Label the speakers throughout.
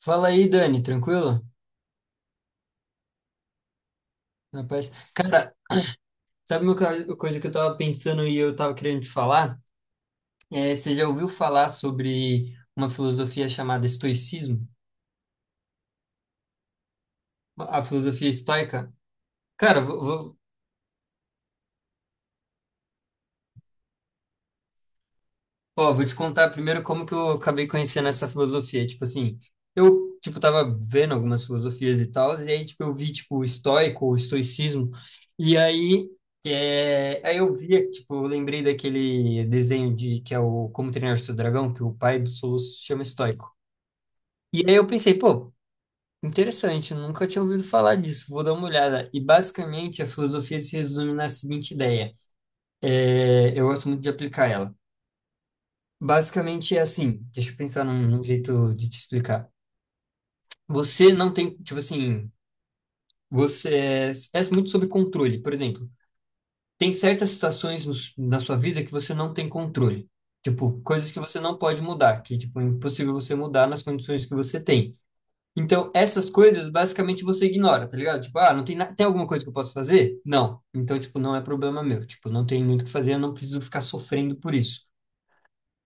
Speaker 1: Fala aí, Dani, tranquilo? Rapaz. Cara, sabe uma coisa que eu tava pensando e eu tava querendo te falar? É, você já ouviu falar sobre uma filosofia chamada estoicismo? A filosofia estoica? Cara. Ó, vou te contar primeiro como que eu acabei conhecendo essa filosofia. Tipo assim, eu, tipo, tava vendo algumas filosofias e tal, e aí, tipo, eu vi, tipo, o estoicismo, e aí, é, aí eu via, tipo, eu lembrei daquele desenho de, que é o Como Treinar Seu Dragão, que o pai do Soluço se chama estoico. E aí eu pensei, pô, interessante, eu nunca tinha ouvido falar disso, vou dar uma olhada. E basicamente a filosofia se resume na seguinte ideia, é, eu gosto muito de aplicar ela. Basicamente é assim, deixa eu pensar num jeito de te explicar. Você não tem, tipo assim, você é muito sobre controle. Por exemplo, tem certas situações na sua vida que você não tem controle. Tipo, coisas que você não pode mudar, que, tipo, é impossível você mudar nas condições que você tem. Então, essas coisas, basicamente, você ignora, tá ligado? Tipo, ah, não tem, tem alguma coisa que eu posso fazer? Não. Então, tipo, não é problema meu. Tipo, não tem muito o que fazer, eu não preciso ficar sofrendo por isso.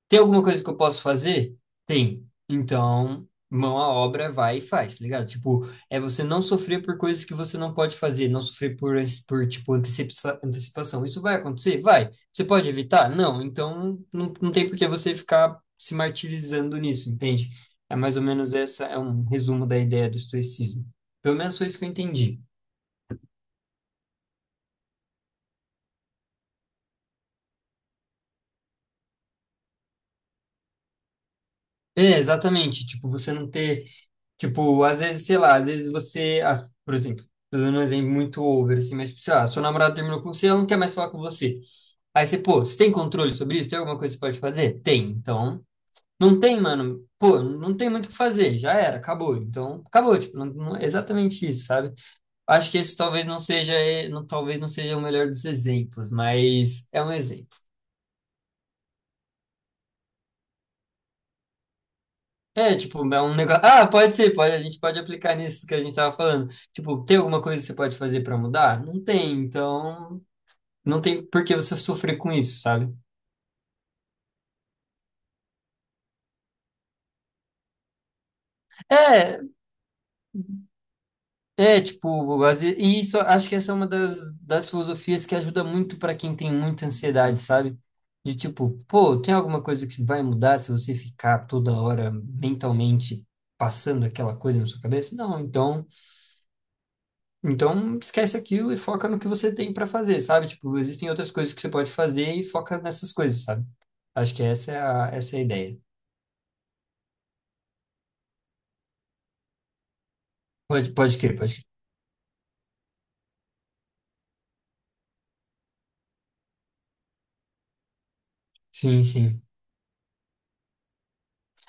Speaker 1: Tem alguma coisa que eu posso fazer? Tem. Então, mão à obra, vai e faz, tá ligado? Tipo, é você não sofrer por coisas que você não pode fazer, não sofrer por, por tipo, antecipação. Isso vai acontecer? Vai. Você pode evitar? Não. Então, não, não tem por que você ficar se martirizando nisso, entende? É mais ou menos essa, é um resumo da ideia do estoicismo. Pelo menos foi isso que eu entendi. É, exatamente. Tipo, você não ter. Tipo, às vezes, sei lá, às vezes você. As- Por exemplo, tô dando um exemplo muito over, assim, mas, tipo, sei lá, sua namorada terminou com você, ela não quer mais falar com você. Aí você, pô, você tem controle sobre isso? Tem alguma coisa que você pode fazer? Tem. Então, não tem, mano. Pô, não tem muito o que fazer. Já era, acabou. Então, acabou. Tipo, não, é exatamente isso, sabe? Acho que esse talvez não seja, não, talvez não seja o melhor dos exemplos, mas é um exemplo. É, tipo, é um negócio. Ah, pode ser, pode, a gente pode aplicar nisso que a gente tava falando. Tipo, tem alguma coisa que você pode fazer pra mudar? Não tem, então não tem por que você sofrer com isso, sabe? É, é, tipo, e isso acho que essa é uma das filosofias que ajuda muito pra quem tem muita ansiedade, sabe? De tipo, pô, tem alguma coisa que vai mudar se você ficar toda hora mentalmente passando aquela coisa na sua cabeça? Não, então. Então, esquece aquilo e foca no que você tem para fazer, sabe? Tipo, existem outras coisas que você pode fazer e foca nessas coisas, sabe? Acho que essa é a ideia. Pode, pode crer, pode crer. Sim, sim.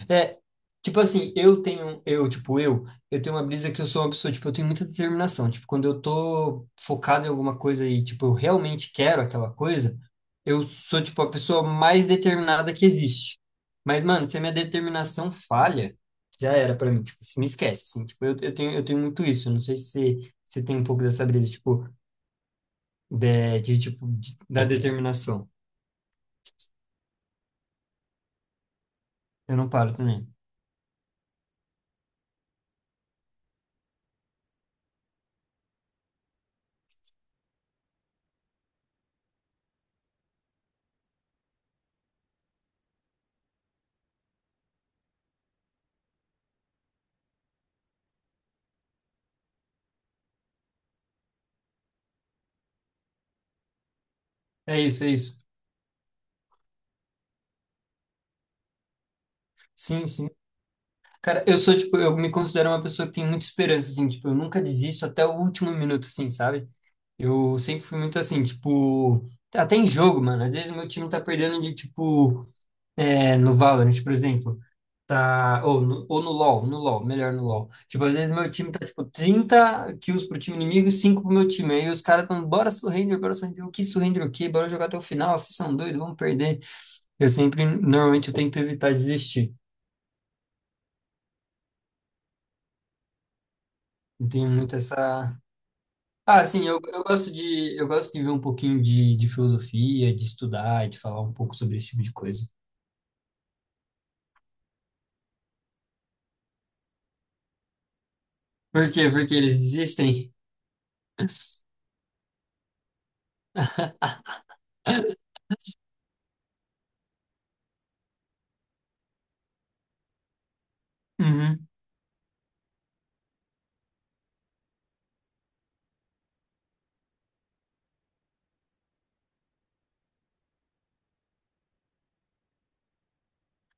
Speaker 1: É, tipo assim, eu tenho uma brisa que eu sou uma pessoa, tipo, eu tenho muita determinação. Tipo, quando eu tô focado em alguma coisa e, tipo, eu realmente quero aquela coisa, eu sou, tipo, a pessoa mais determinada que existe. Mas, mano, se a minha determinação falha, já era pra mim, tipo, se me esquece, assim, tipo, eu tenho muito isso. Eu não sei se você tem um pouco dessa brisa, tipo, da determinação. Eu não paro também. É isso, é isso. Sim, sim. Cara, eu sou, tipo, eu me considero uma pessoa que tem muita esperança, assim, tipo, eu nunca desisto até o último minuto, assim, sabe? Eu sempre fui muito assim, tipo, até em jogo, mano, às vezes meu time tá perdendo de, tipo, é, no Valorant, por exemplo, tá, ou no LoL, no LoL, melhor no LoL. Tipo, às vezes meu time tá, tipo, 30 kills pro time inimigo e 5 pro meu time, aí os caras tão, bora surrender, o que surrender o quê? Bora jogar até o final, vocês são doidos, vamos perder. Eu sempre, normalmente, eu tento evitar desistir. Eu tenho muito essa. Ah, sim, eu gosto de ver um pouquinho de filosofia, de estudar, de falar um pouco sobre esse tipo de coisa. Por quê? Porque eles existem. Uhum.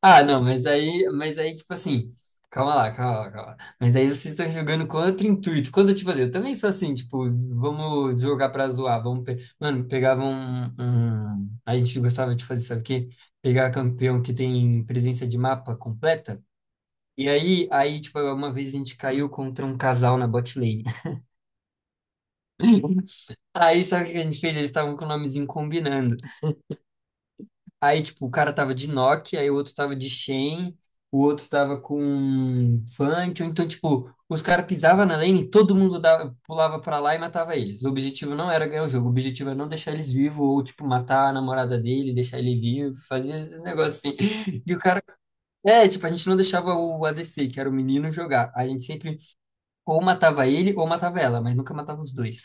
Speaker 1: Ah, não, mas aí, tipo assim, calma lá, calma lá, calma lá. Mas aí vocês estão jogando com outro intuito. Quando, tipo assim, eu também sou assim, tipo, vamos jogar pra zoar, vamos, mano, pegava a gente gostava de fazer, sabe o quê? Pegar campeão que tem presença de mapa completa. E aí, tipo, uma vez a gente caiu contra um casal na bot lane. Aí, sabe o que a gente fez? Eles estavam com o nomezinho combinando. Aí, tipo, o cara tava de Nokia, aí o outro tava de Shen, o outro tava com Fantio. Então, tipo, os caras pisavam na lane, e todo mundo dava, pulava pra lá e matava eles. O objetivo não era ganhar o jogo, o objetivo era não deixar eles vivos, ou, tipo, matar a namorada dele, deixar ele vivo, fazer um negócio assim. E o cara. É, tipo, a gente não deixava o ADC, que era o menino, jogar. A gente sempre Ou matava ele ou matava ela, mas nunca matava os dois.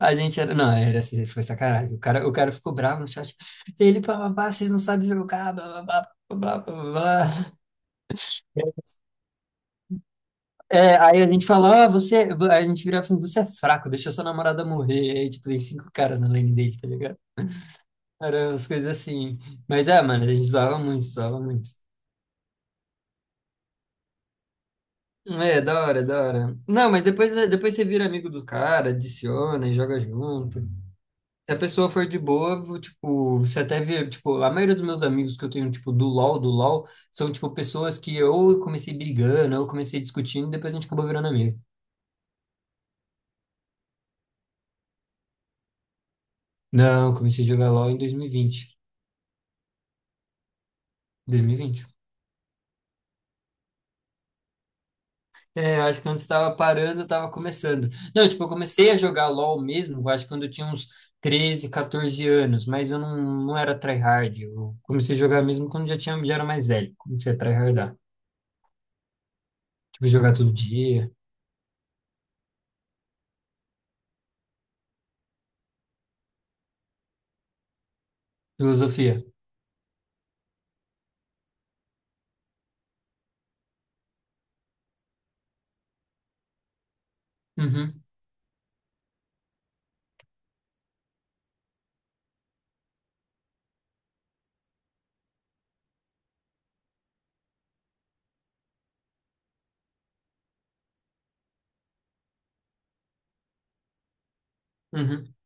Speaker 1: A gente era. Não, era assim, foi sacanagem. O cara ficou bravo no chat. Ele, pá, pá, pá, vocês não sabem jogar, blá, blá, blá. Blá, blá, blá. Blá. É, aí a gente falou, ah, você. a gente virava assim, você é fraco, deixa sua namorada morrer. Aí, tipo, tem cinco caras na lane dele, tá ligado? Eram umas coisas assim. Mas é, mano, a gente zoava muito, zoava muito. É, da hora, da hora. Não, mas depois você vira amigo do cara, adiciona e joga junto. Se a pessoa for de boa, vou, tipo, você até vê, tipo, a maioria dos meus amigos que eu tenho, tipo, do LoL, são, tipo, pessoas que ou eu comecei brigando, ou eu comecei discutindo, e depois a gente acabou virando amigo. Não, eu comecei a jogar LoL em 2020. É, eu acho que quando você tava parando, eu tava começando. Não, tipo, eu comecei a jogar LoL mesmo, eu acho que quando eu tinha uns 13 14 anos, mas eu não, não era tryhard. Eu comecei a jogar mesmo quando já tinha, já era mais velho. Comecei a tryhardar. Tipo, jogar todo dia. Filosofia. Uhum, uhum.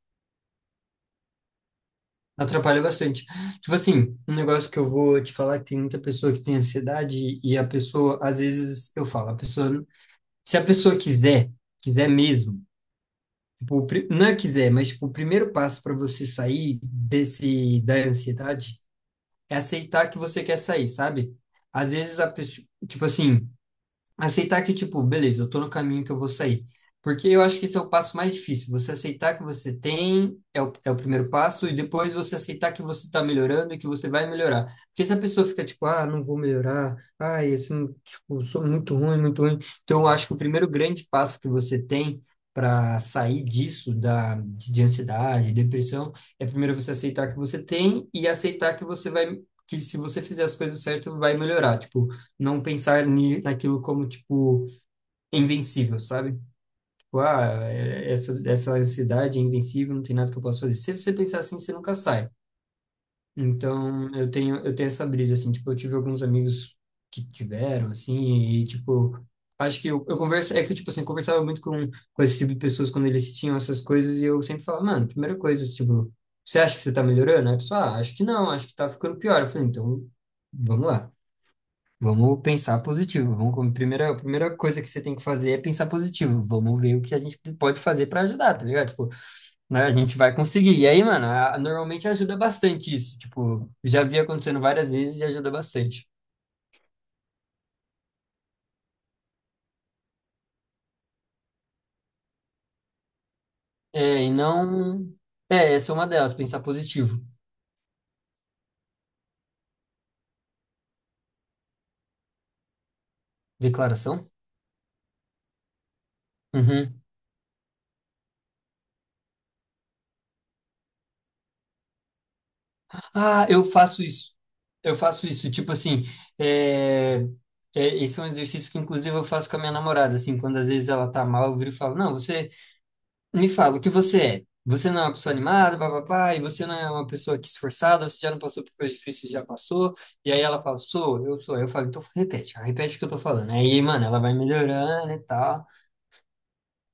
Speaker 1: Atrapalha bastante. Tipo assim, um negócio que eu vou te falar que tem muita pessoa que tem ansiedade e a pessoa, às vezes, eu falo, a pessoa, se a pessoa quiser, quiser mesmo, tipo, não é quiser, mas tipo, o primeiro passo para você sair desse da ansiedade é aceitar que você quer sair, sabe? Às vezes a pessoa, tipo assim, aceitar que, tipo, beleza, eu tô no caminho que eu vou sair. Porque eu acho que esse é o passo mais difícil. Você aceitar que você tem é o primeiro passo, e depois você aceitar que você está melhorando e que você vai melhorar. Porque se a pessoa fica tipo, ah, não vou melhorar, ah, esse, tipo, sou muito ruim, muito ruim. Então, eu acho que o primeiro grande passo que você tem para sair disso, da, de ansiedade, depressão, é primeiro você aceitar que você tem e aceitar que você vai, que se você fizer as coisas certas, vai melhorar. Tipo, não pensar naquilo como, tipo, invencível, sabe? Tipo, ah, essa ansiedade é invencível, não tem nada que eu possa fazer. Se você pensar assim, você nunca sai. Então, eu tenho essa brisa, assim, tipo, eu tive alguns amigos que tiveram, assim, e, tipo, acho que eu converso, é que, tipo, assim, eu conversava muito com esse tipo de pessoas quando eles tinham essas coisas, e eu sempre falava, mano, primeira coisa, tipo, você acha que você tá melhorando? Aí a pessoa, ah, acho que não, acho que tá ficando pior. Eu falei, então, vamos lá. Vamos pensar positivo. Vamos, como primeira, a primeira coisa que você tem que fazer é pensar positivo. Vamos ver o que a gente pode fazer para ajudar, tá ligado? Tipo, né, a gente vai conseguir. E aí, mano, normalmente ajuda bastante isso. Tipo, já vi acontecendo várias vezes e ajuda bastante. É, e não. É, essa é uma delas, pensar positivo. Declaração? Uhum. Ah, eu faço isso. Eu faço isso. Tipo assim, é, é, esse é um exercício que, inclusive, eu faço com a minha namorada. Assim, quando às vezes ela tá mal, eu viro e falo: Não, você. Me fala, o que você é? Você não é uma pessoa animada, papapá, e você não é uma pessoa que é esforçada, você já não passou por coisas difíceis, já passou. E aí ela fala, sou. Eu falo, então repete, ó, repete o que eu tô falando. Aí, mano, ela vai melhorando e tal.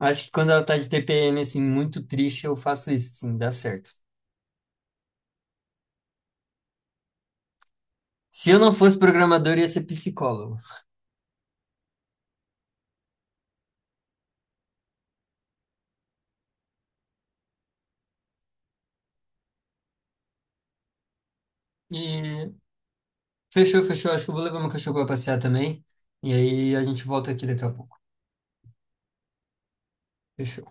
Speaker 1: Acho que quando ela tá de TPM, assim, muito triste, eu faço isso, assim, dá certo. Se eu não fosse programador, eu ia ser psicólogo. E fechou, fechou. Acho que eu vou levar meu cachorro pra passear também. E aí a gente volta aqui daqui a pouco. Fechou.